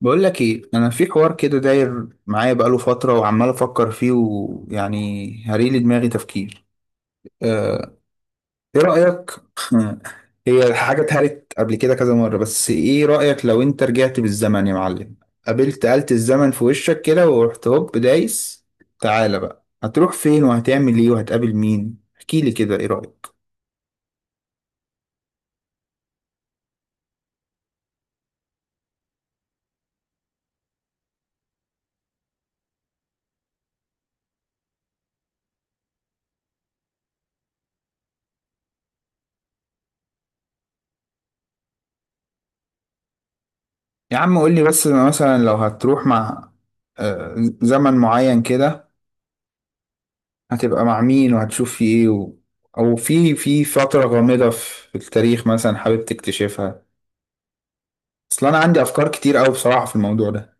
بقول لك ايه، انا في حوار كده داير معايا بقاله فتره وعمال افكر فيه، ويعني هريلي دماغي تفكير. آه، ايه رايك؟ هي حاجه اتهرت قبل كده كذا مره، بس ايه رايك لو انت رجعت بالزمن يا معلم؟ قابلت آلة الزمن في وشك كده ورحت هوب دايس. تعالى بقى، هتروح فين وهتعمل ايه وهتقابل مين؟ احكي لي كده، ايه رايك؟ يا عم قول لي بس، أنا مثلا لو هتروح مع آه، زمن معين كده، هتبقى مع مين وهتشوف في ايه؟ او في فترة غامضة في التاريخ مثلا حابب تكتشفها؟ اصل انا عندي افكار كتير قوي بصراحة في الموضوع ده.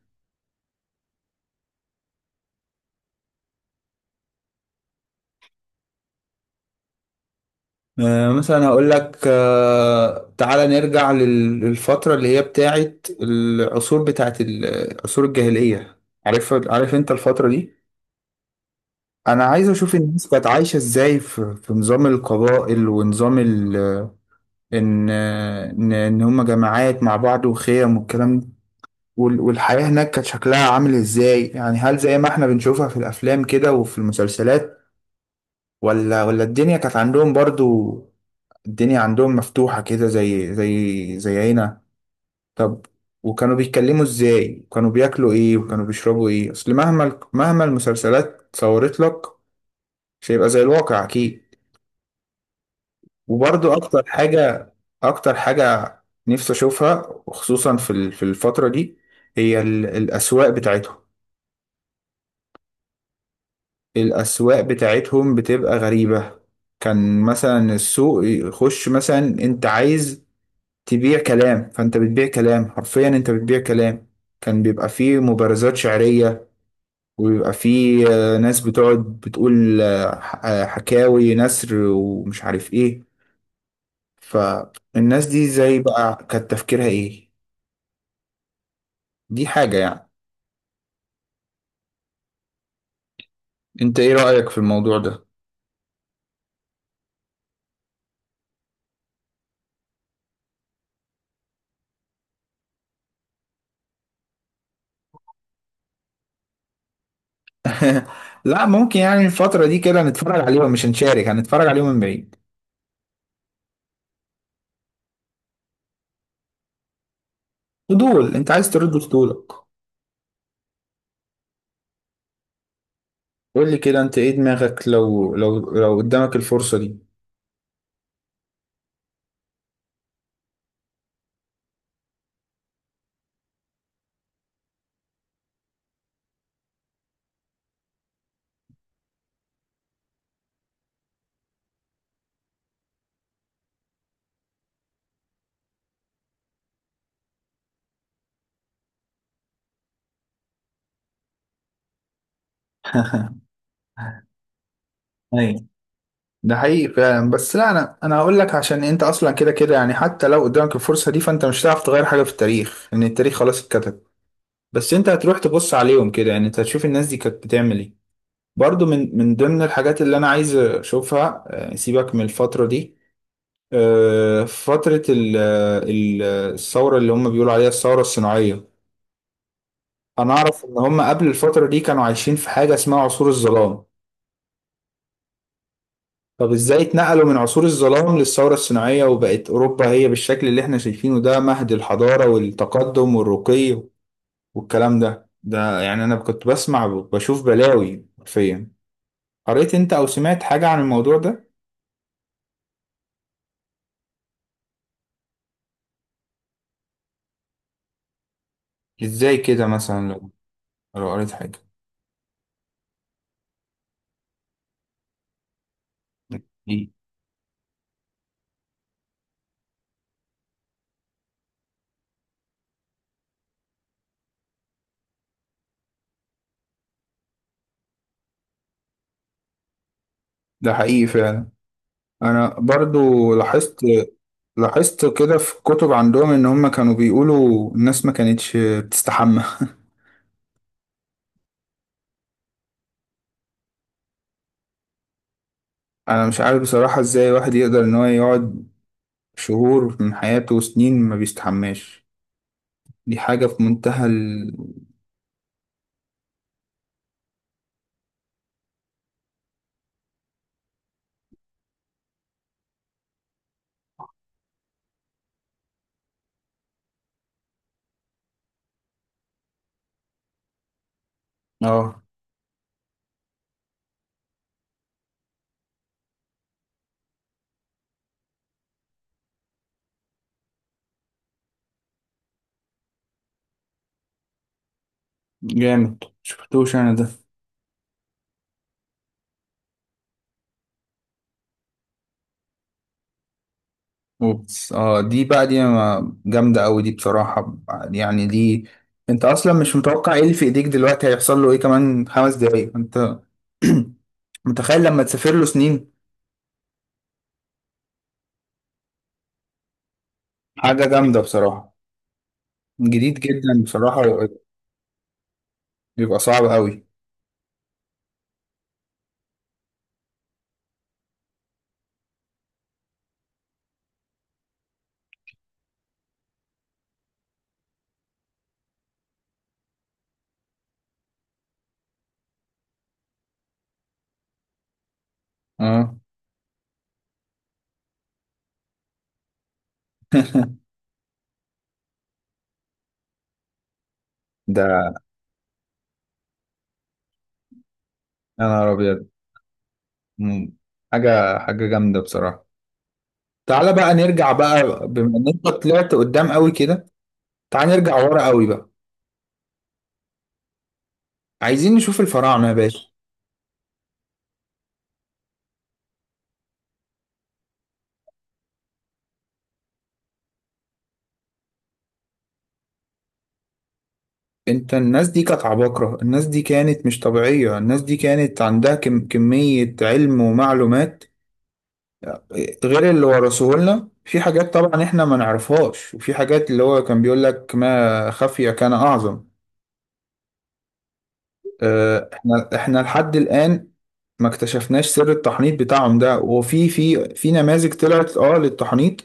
مثلا هقول لك، تعالى نرجع للفترة اللي هي بتاعت العصور، بتاعت العصور الجاهلية. عارف انت الفترة دي؟ انا عايز اشوف الناس كانت عايشة ازاي في نظام القبائل ونظام. ان هم جماعات مع بعض وخيم والكلام ده، والحياة هناك كانت شكلها عامل ازاي. يعني هل زي ما احنا بنشوفها في الافلام كده وفي المسلسلات، ولا الدنيا كانت عندهم برضو الدنيا عندهم مفتوحة كده، زي زي هنا؟ طب، وكانوا بيتكلموا ازاي، وكانوا بياكلوا ايه، وكانوا بيشربوا ايه؟ اصل مهما المسلسلات صورت لك، مش هيبقى زي الواقع اكيد. وبرضو اكتر حاجة نفسي اشوفها، وخصوصا في في الفترة دي، هي الاسواق بتاعتهم. الأسواق بتاعتهم بتبقى غريبة. كان مثلا السوق يخش، مثلا انت عايز تبيع كلام، فانت بتبيع كلام، حرفيا انت بتبيع كلام. كان بيبقى فيه مبارزات شعرية، وبيبقى فيه ناس بتقعد بتقول، حكاوي نثر ومش عارف ايه. فالناس دي زي بقى كانت تفكيرها ايه؟ دي حاجة يعني. انت ايه رأيك في الموضوع ده؟ لا، ممكن يعني الفترة دي كده نتفرج عليهم، مش هنشارك، هنتفرج عليهم من بعيد. فضول، انت عايز ترد فضولك. قول لي كده انت ايه دماغك لو قدامك الفرصة دي؟ ايوه. ده حقيقي فعلا. بس لا، انا هقول لك: عشان انت اصلا كده كده، يعني حتى لو قدامك الفرصة دي فانت مش هتعرف تغير حاجة في التاريخ، لان التاريخ خلاص اتكتب. بس انت هتروح تبص عليهم كده، يعني انت هتشوف الناس دي كانت بتعمل ايه. برضو من ضمن الحاجات اللي انا عايز اشوفها، سيبك من الفترة دي، فترة ال- الثورة اللي هم بيقولوا عليها الثورة الصناعية. انا اعرف ان هم قبل الفترة دي كانوا عايشين في حاجة اسمها عصور الظلام. طب ازاي اتنقلوا من عصور الظلام للثورة الصناعية، وبقت اوروبا هي بالشكل اللي احنا شايفينه ده، مهد الحضارة والتقدم والرقي والكلام ده؟ يعني انا كنت بسمع بشوف بلاوي حرفيا. قريت انت او سمعت حاجة عن الموضوع ده؟ ازاي كده مثلا، لو قريت حاجة؟ ده حقيقي فعلا. انا برضو لاحظت لاحظت كده في كتب عندهم ان هم كانوا بيقولوا الناس ما كانتش بتستحمى. انا مش عارف بصراحة ازاي واحد يقدر ان هو يقعد شهور من حياته وسنين ما بيستحماش. دي حاجة في منتهى اه، جامد شفتوش انا ده. اوبس، اه دي بقى، دي جامدة اوي دي بصراحة. يعني دي، انت اصلا مش متوقع ايه اللي في ايديك دلوقتي هيحصل له ايه كمان 5 دقايق، انت متخيل لما تسافر له سنين؟ حاجة جامدة بصراحة. جديد جدا بصراحة. بيبقى صعب اوي. اه، ده، يا نهار ابيض! مم. حاجة جامدة بصراحة. تعالى بقى نرجع بقى، بما ان انت طلعت قدام قوي كده، تعال نرجع ورا قوي بقى. عايزين نشوف الفراعنة يا باشا. انت، الناس دي كانت عباقرة، الناس دي كانت مش طبيعية، الناس دي كانت عندها كم كمية علم ومعلومات غير اللي ورثوه لنا، في حاجات طبعا احنا ما نعرفهاش، وفي حاجات اللي هو كان بيقول لك ما خفي كان اعظم. احنا لحد الآن ما اكتشفناش سر التحنيط بتاعهم ده. وفي في في نماذج طلعت للتحنيط،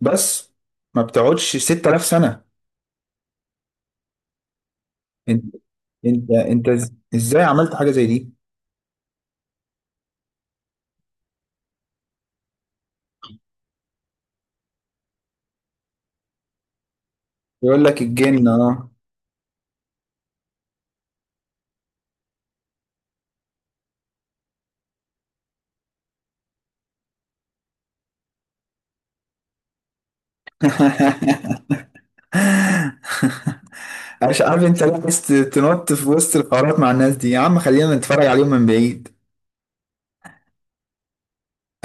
بس ما بتقعدش 6000 سنة. انت ازاي عملت حاجة زي دي؟ يقول لك الجن، اه. مش عارف انت ليه عايز تنط في وسط الحوارات مع الناس دي؟ يا عم خلينا نتفرج عليهم من بعيد.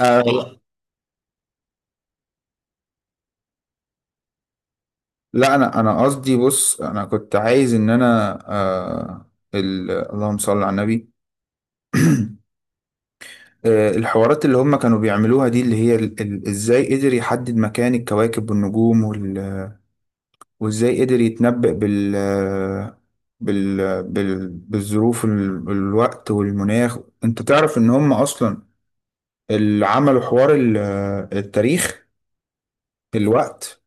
آه. لا، انا قصدي، بص، انا كنت عايز ان انا اللهم صل على النبي. الحوارات اللي هم كانوا بيعملوها دي، اللي هي ازاي قدر يحدد مكان الكواكب والنجوم وازاي قدر يتنبأ بالظروف، الوقت والمناخ. انت تعرف ان هم اصلا اللي عملوا حوار التاريخ، الوقت.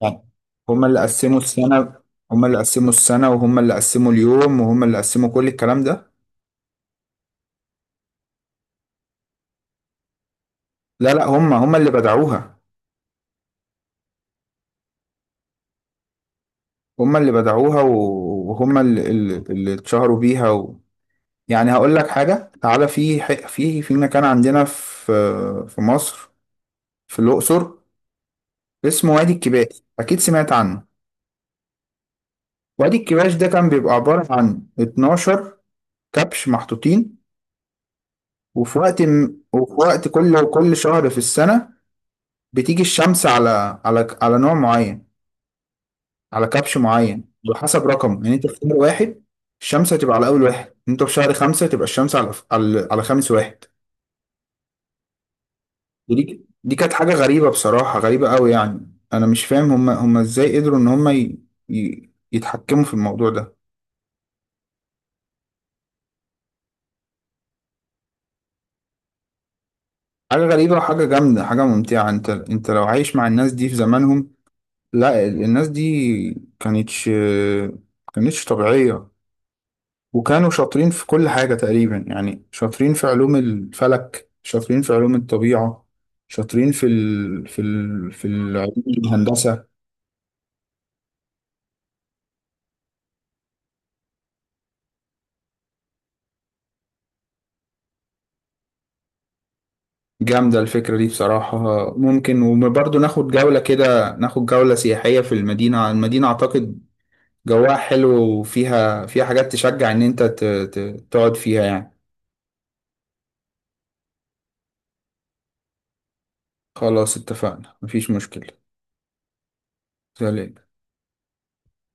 يعني هم اللي قسموا السنة، هم اللي قسموا السنة وهم اللي قسموا اليوم وهم اللي قسموا كل الكلام ده. لا لا، هم اللي بدعوها. هم اللي بدعوها وهم اللي اتشهروا بيها. يعني هقول لك حاجة. تعالى في مكان عندنا في مصر، في الأقصر، اسمه وادي الكباش، أكيد سمعت عنه. وادي الكباش ده كان بيبقى عبارة عن 12 كبش محطوطين. وفي وقت كل شهر في السنة بتيجي الشمس على على نوع معين، على كبش معين، على حسب رقم. يعني انت في شهر واحد الشمس هتبقى على اول واحد، انت في شهر خمسة تبقى الشمس على على خامس واحد. ودي كانت حاجة غريبة بصراحة، غريبة قوي. يعني انا مش فاهم، هم ازاي قدروا ان هم يتحكموا في الموضوع ده. حاجة غريبة وحاجة جامدة، حاجة ممتعة. انت لو عايش مع الناس دي في زمانهم! لا، الناس دي كانتش كانتش طبيعية، وكانوا شاطرين في كل حاجة تقريبا. يعني شاطرين في علوم الفلك، شاطرين في علوم الطبيعة، شاطرين في العلوم الهندسة. جامدة الفكرة دي بصراحة. ممكن، وبرضه ناخد جولة كده، ناخد جولة سياحية في المدينة. أعتقد جواها حلو، وفيها حاجات تشجع إن أنت تقعد فيها يعني. خلاص اتفقنا، مفيش مشكلة. سلام.